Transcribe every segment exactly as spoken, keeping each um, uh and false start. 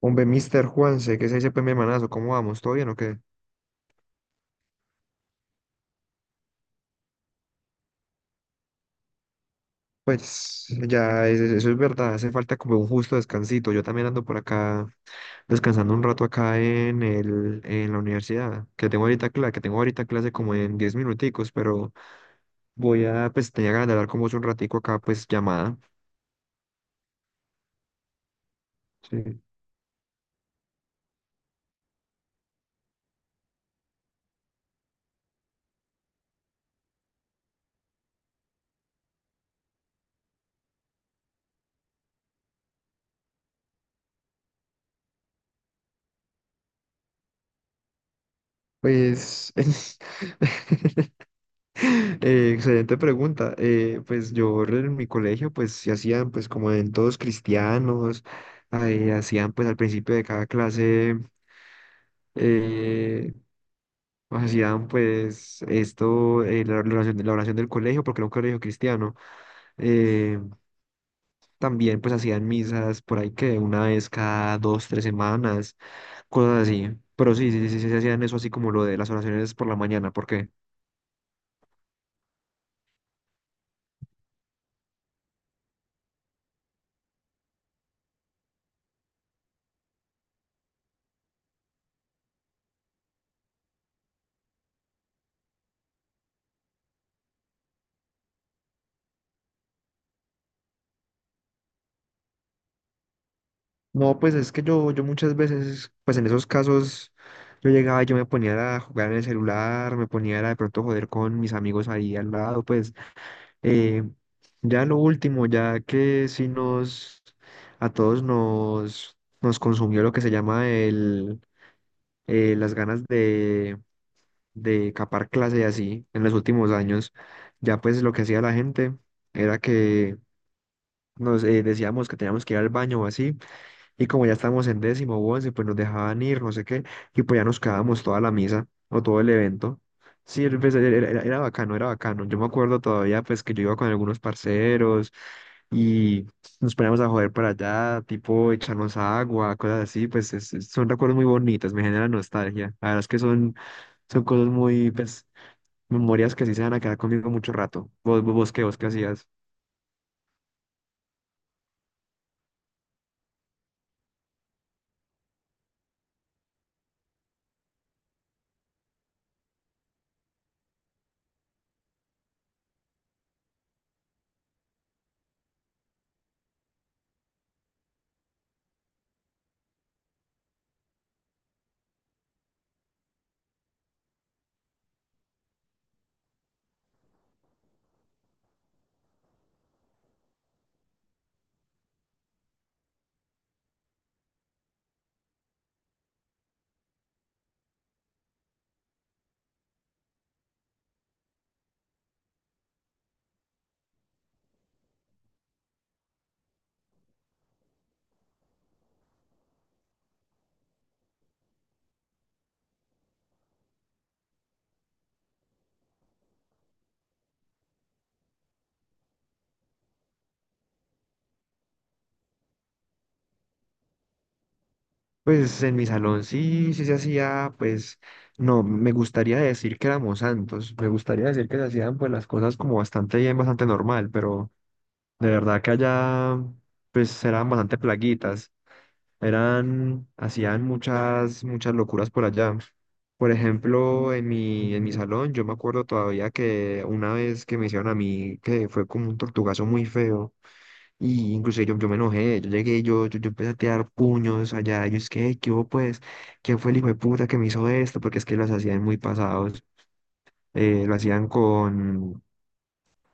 Hombre, Mister Juanse, ¿qué se dice, pues, mi hermanazo? ¿Cómo vamos? ¿Todo bien o qué? Pues ya, es- es- eso es verdad, hace falta como un justo descansito. Yo también ando por acá descansando un rato acá en el, en la universidad, que tengo ahorita clase, que tengo ahorita clase como en diez minuticos, pero voy a, pues tenía ganas de hablar con vos un ratico acá, pues llamada. Sí. Pues Eh, excelente pregunta. Eh, pues yo en mi colegio pues se hacían pues como en todos cristianos, ahí hacían pues al principio de cada clase, eh, pues, hacían pues esto, eh, la, la oración, la oración del colegio, porque era un colegio cristiano. Eh, También pues hacían misas por ahí que una vez cada dos, tres semanas, cosas así. Pero sí, sí, sí, sí, sí, se hacían eso así como lo de las oraciones por la mañana, porque No, pues es que yo, yo muchas veces, pues en esos casos, yo llegaba y yo me ponía a jugar en el celular, me ponía a de pronto joder con mis amigos ahí al lado, pues eh, ya lo último, ya que sí nos, a todos nos, nos consumió lo que se llama el, eh, las ganas de, de capar clase y así en los últimos años, ya pues lo que hacía la gente era que nos eh, decíamos que teníamos que ir al baño o así y como ya estábamos en décimo o once, pues nos dejaban ir, no sé qué, y pues ya nos quedábamos toda la misa o todo el evento. Sí, el- pues, era, era- era bacano, era bacano. Yo me acuerdo todavía, pues, que yo iba con algunos parceros y nos poníamos a joder para allá, tipo echarnos agua, cosas así, pues es- es- son recuerdos muy bonitos, me generan nostalgia. La verdad es que son, son cosas muy, pues, memorias que sí se van a quedar conmigo mucho rato. ¿Vos, vos, vos qué, vos qué hacías? Pues en mi salón sí, sí se hacía, pues no, me gustaría decir que éramos santos, me gustaría decir que se hacían pues las cosas como bastante bien, bastante normal, pero de verdad que allá pues eran bastante plaguitas, eran, hacían muchas, muchas locuras por allá. Por ejemplo, en mi, en mi salón yo me acuerdo todavía que una vez que me hicieron a mí, que fue como un tortugazo muy feo. Y incluso yo, yo me enojé, yo llegué, yo, yo, yo empecé a tirar puños allá, yo es que, ¿qué hubo pues? ¿Quién fue el hijo de puta que me hizo esto? Porque es que los hacían muy pasados, eh, lo hacían con,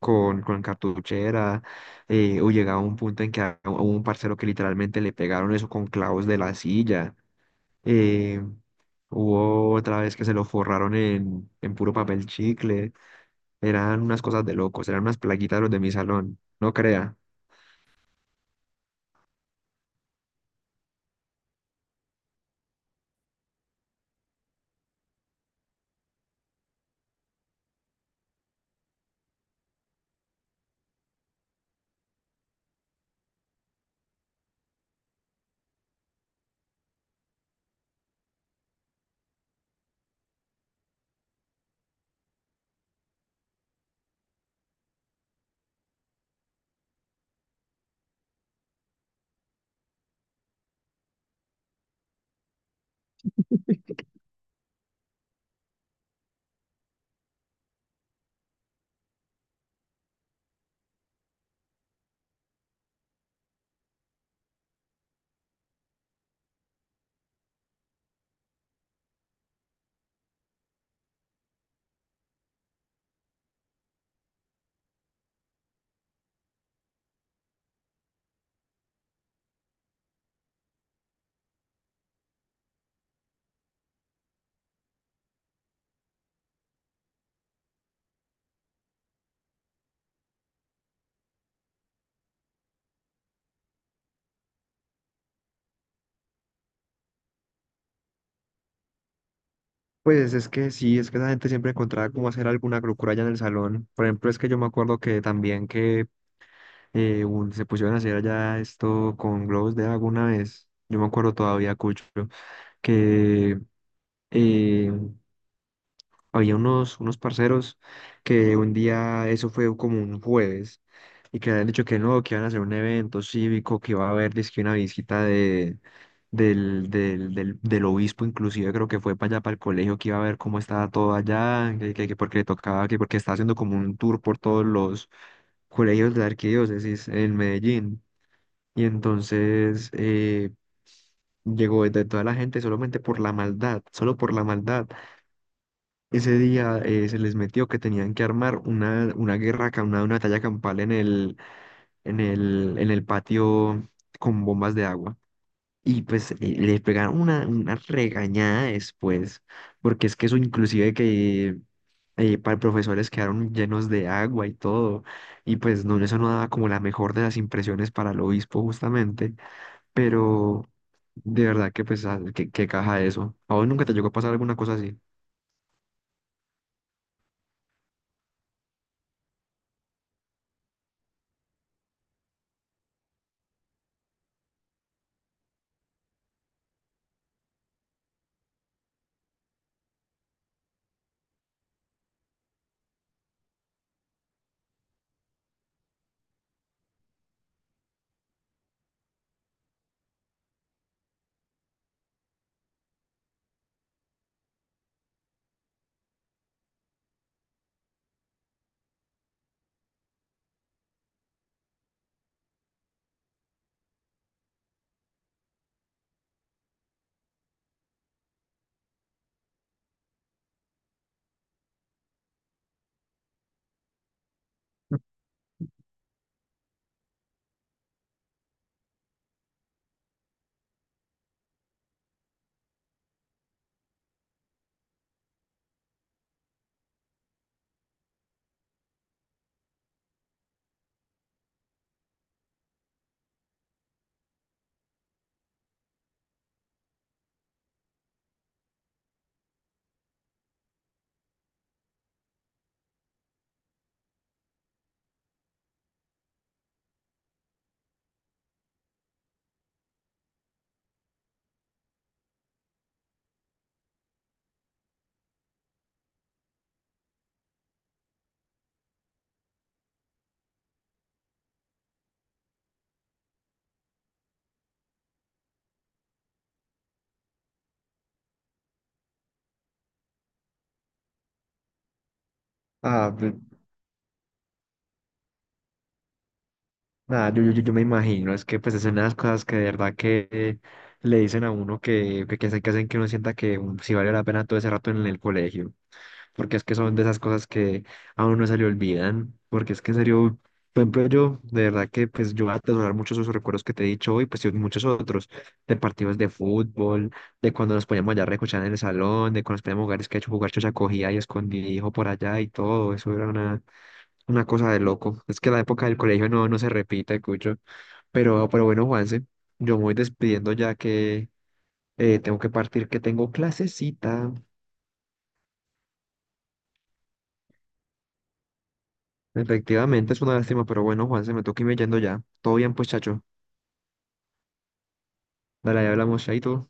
con, con cartuchera, eh, o llegaba un punto en que a- hubo un parcero que literalmente le pegaron eso con clavos de la silla, eh, hubo otra vez que se lo forraron en, en puro papel chicle, eran unas cosas de locos, eran unas plaguitas los de mi salón, no crea. Pues es que sí, es que la gente siempre encontraba cómo hacer alguna locura allá en el salón. Por ejemplo, es que yo me acuerdo que también que eh, un- se pusieron a hacer allá esto con globos de agua una vez. Yo me acuerdo todavía, Cucho, que eh, había unos, unos parceros que un día, eso fue como un jueves, y que habían dicho que no, que iban a hacer un evento cívico, que iba a haber dizque una visita de, del, del, del, del obispo, inclusive creo que fue para allá, para el colegio, que iba a ver cómo estaba todo allá, que, que- que porque le tocaba, que porque estaba haciendo como un tour por todos los colegios de la arquidiócesis en Medellín. Y entonces eh, llegó de toda la gente solamente por la maldad, solo por la maldad ese día eh, se les metió que tenían que armar una, una guerra, acá, una, una batalla campal en el, en el, en el patio con bombas de agua. Y pues eh, les pegaron una, una regañada después, porque es que eso inclusive que eh, para profesores quedaron llenos de agua y todo. Y pues no, eso no daba como la mejor de las impresiones para el obispo justamente, pero de verdad que pues ah, que, que caja eso. ¿A vos nunca te llegó a pasar alguna cosa así? Ah, pe- Nada, yo, yo, yo yo me imagino, es que pues es una de las cosas que de verdad que le dicen a uno que, que, que hacen, que hacen que uno sienta que um, sí vale la pena todo ese rato en el colegio, porque es que son de esas cosas que a uno no se le olvidan, porque es que en serio, por ejemplo yo, de verdad que pues yo voy a atesorar muchos de esos recuerdos que te he dicho hoy, pues y muchos otros, de partidos de fútbol, de cuando nos poníamos allá a recochar en el salón, de cuando nos poníamos a jugar, es que he hecho jugar chocha cogía y escondidillo por allá y todo, eso era una, una cosa de loco, es que la época del colegio no, no se repite, Cucho. Pero, pero bueno, Juanse, yo me voy despidiendo ya que eh, tengo que partir, que tengo clasecita. Efectivamente, es una lástima, pero bueno, Juanse, me toca irme yendo ya. Todo bien, pues, chacho. Dale, ya hablamos, chaito.